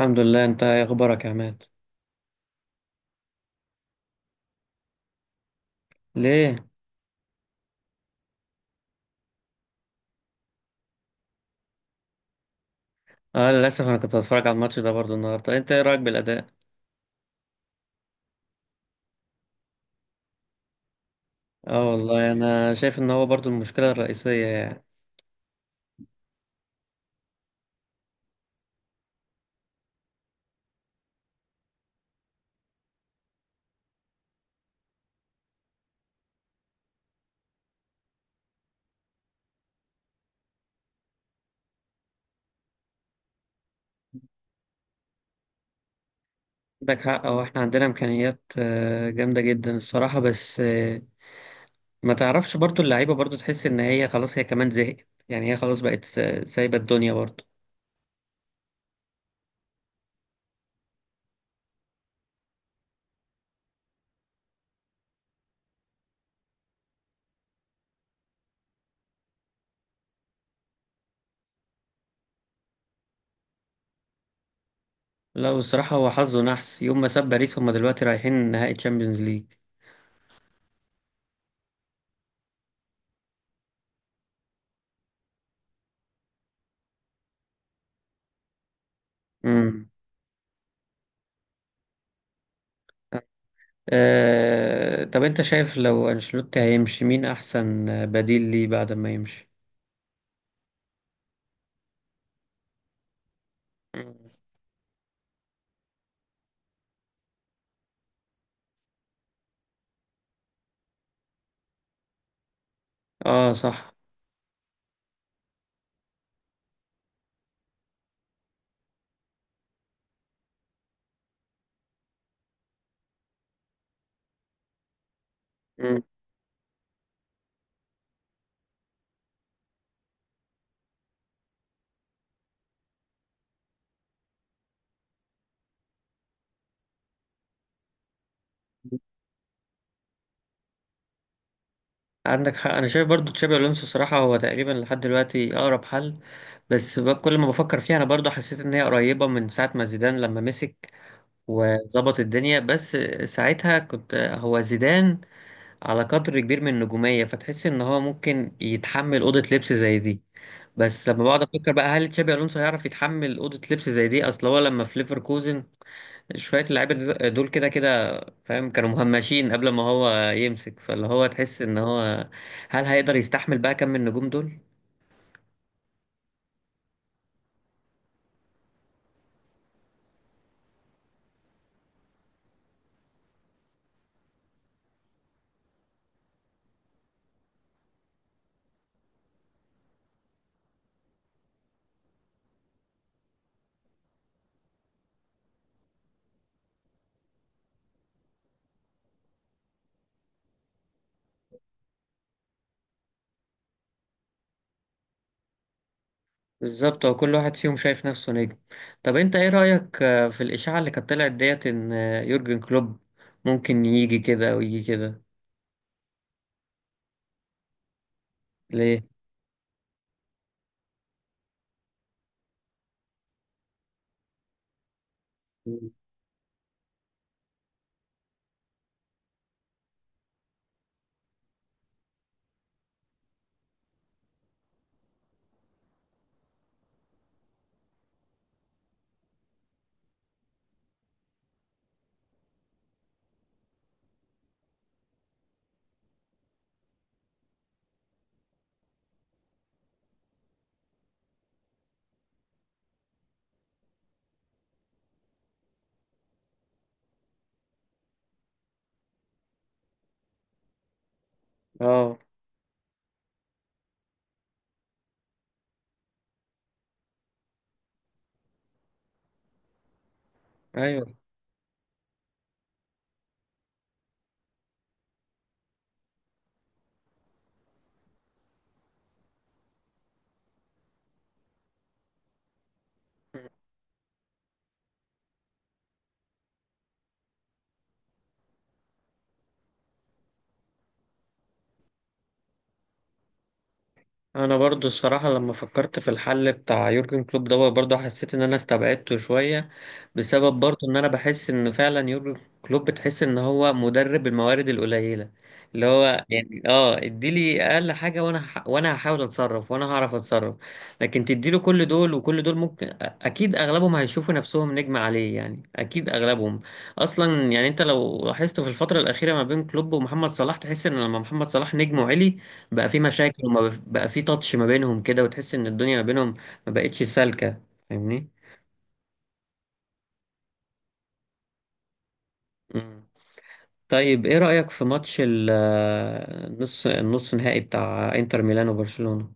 الحمد لله، انت ايه اخبارك يا عماد؟ ليه؟ اه، للاسف انا كنت بتفرج على الماتش ده برضو النهارده. انت ايه رايك بالاداء؟ اه والله انا شايف ان هو برضو المشكله الرئيسيه يعني. عندك حق، هو احنا عندنا امكانيات جامده جدا الصراحه، بس ما تعرفش برضو اللعيبه برضو تحس ان هي خلاص، هي كمان زهقت. يعني هي خلاص بقت سايبه الدنيا برضو. لا والصراحه هو حظه نحس يوم ما ساب باريس، هم دلوقتي رايحين نهائي تشامبيونز ليج. طب انت شايف لو انشيلوتي هيمشي مين احسن بديل ليه بعد ما يمشي؟ مم. اه صح. مم. عندك حق، انا شايف برضو تشابي الونسو صراحه هو تقريبا لحد دلوقتي اقرب حل. بس كل ما بفكر فيها انا برضو حسيت ان هي قريبه من ساعه ما زيدان لما مسك وظبط الدنيا. بس ساعتها كنت هو زيدان على قدر كبير من النجوميه، فتحس ان هو ممكن يتحمل اوضه لبس زي دي. بس لما بقعد افكر بقى، هل تشابي الونسو هيعرف يتحمل اوضه لبس زي دي؟ اصل هو لما في ليفركوزن شويه اللعيبه دول كده كده فاهم، كانوا مهمشين قبل ما هو يمسك. فاللي هو تحس ان هو، هل هيقدر يستحمل بقى كم النجوم دول؟ بالظبط، هو كل واحد فيهم شايف نفسه نجم. طب انت ايه رايك في الاشاعه اللي كانت طلعت ديت ان يورجن كلوب ممكن يجي كده ويجي كده؟ ليه؟ مم. اه. ايوه. انا برضو الصراحه لما فكرت في الحل بتاع يورجن كلوب دوت برضو حسيت ان انا استبعدته شويه، بسبب برضو ان انا بحس ان فعلا يورجن كلوب بتحس ان هو مدرب الموارد القليله، اللي هو يعني اديلي اقل حاجه، وانا وانا هحاول اتصرف وانا هعرف اتصرف. لكن تديله كل دول وكل دول ممكن اكيد اغلبهم هيشوفوا نفسهم نجم عليه، يعني اكيد اغلبهم اصلا. يعني انت لو لاحظت في الفتره الاخيره ما بين كلوب ومحمد صلاح تحس ان لما محمد صلاح نجمه عالي بقى في مشاكل، وما بقى في تاتش ما بينهم كده، وتحس ان الدنيا ما بينهم ما بقتش سالكة، فاهمني؟ مم. طيب ايه رأيك في ماتش النص نهائي بتاع انتر ميلان وبرشلونة؟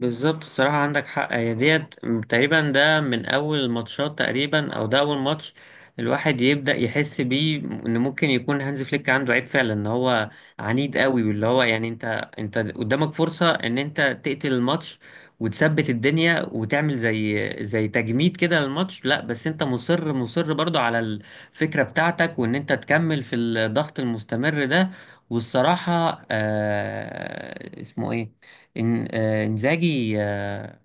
بالظبط، الصراحة عندك حق. هي ديت تقريبا ده من أول الماتشات، تقريبا، أو ده أول ماتش الواحد يبدأ يحس بيه إن ممكن يكون هانز فليك عنده عيب فعلا، إن هو عنيد قوي. واللي هو يعني أنت قدامك فرصة إن أنت تقتل الماتش وتثبت الدنيا وتعمل زي تجميد كده للماتش، لا بس أنت مصر مصر برضو على الفكرة بتاعتك، وإن أنت تكمل في الضغط المستمر ده. والصراحة اسمه إيه، إن إنزاجي،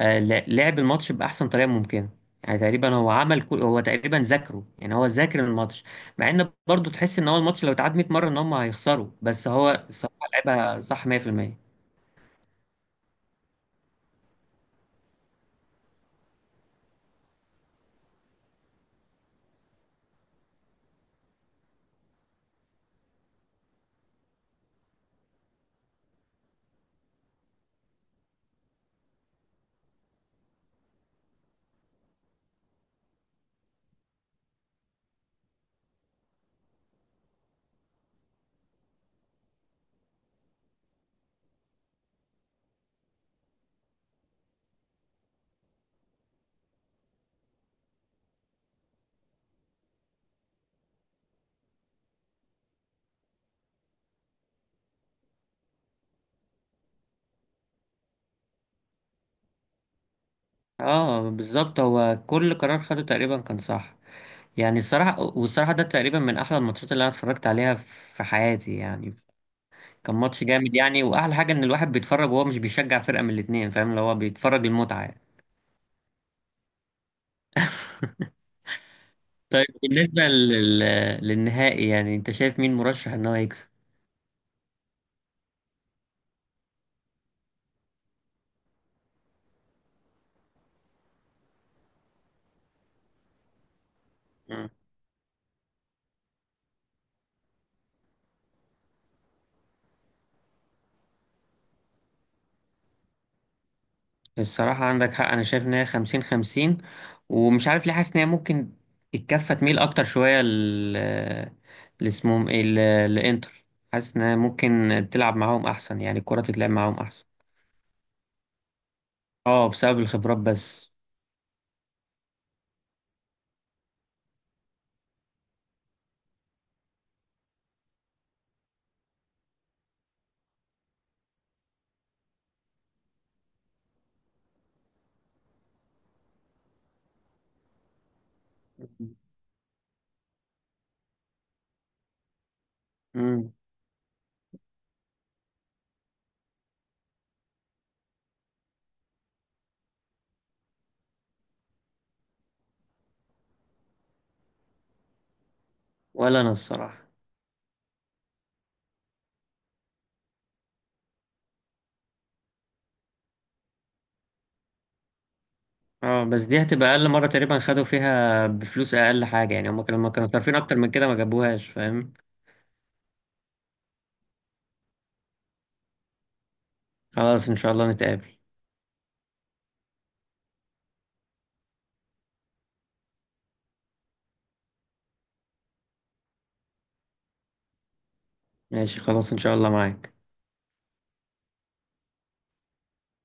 لعب الماتش بأحسن طريقة ممكنة. يعني تقريبا هو عمل كل هو تقريبا ذاكره، يعني هو ذاكر الماتش. مع إن برضه تحس إن هو الماتش لو اتعاد 100 مرة إن هم هيخسروا، بس هو الصراحة لعبها صح 100%. اه، بالظبط هو كل قرار خده تقريبا كان صح. يعني الصراحة ده تقريبا من أحلى الماتشات اللي أنا اتفرجت عليها في حياتي يعني. كان ماتش جامد يعني، وأحلى حاجة إن الواحد بيتفرج وهو مش بيشجع فرقة من الاتنين، فاهم اللي هو بيتفرج المتعة. طيب بالنسبة للنهائي، يعني انت شايف مين مرشح ان هو يكسب؟ مم. الصراحة عندك حق، انا شايف ان هي خمسين خمسين، ومش عارف ليه حاسس ان هي ممكن الكفة تميل اكتر شوية لانتر. حاسس ان هي ممكن تلعب معاهم احسن، يعني الكرة تتلعب معاهم احسن. اه بسبب الخبرات بس. مم. ولا انا الصراحة. اه بس دي هتبقى اقل مرة تقريبا خدوا فيها بفلوس، اقل حاجة يعني، هم كانوا لما كانوا صارفين اكتر من كده ما جابوهاش فاهم. خلاص ان شاء الله نتقابل. ماشي خلاص، إن شاء الله معاك.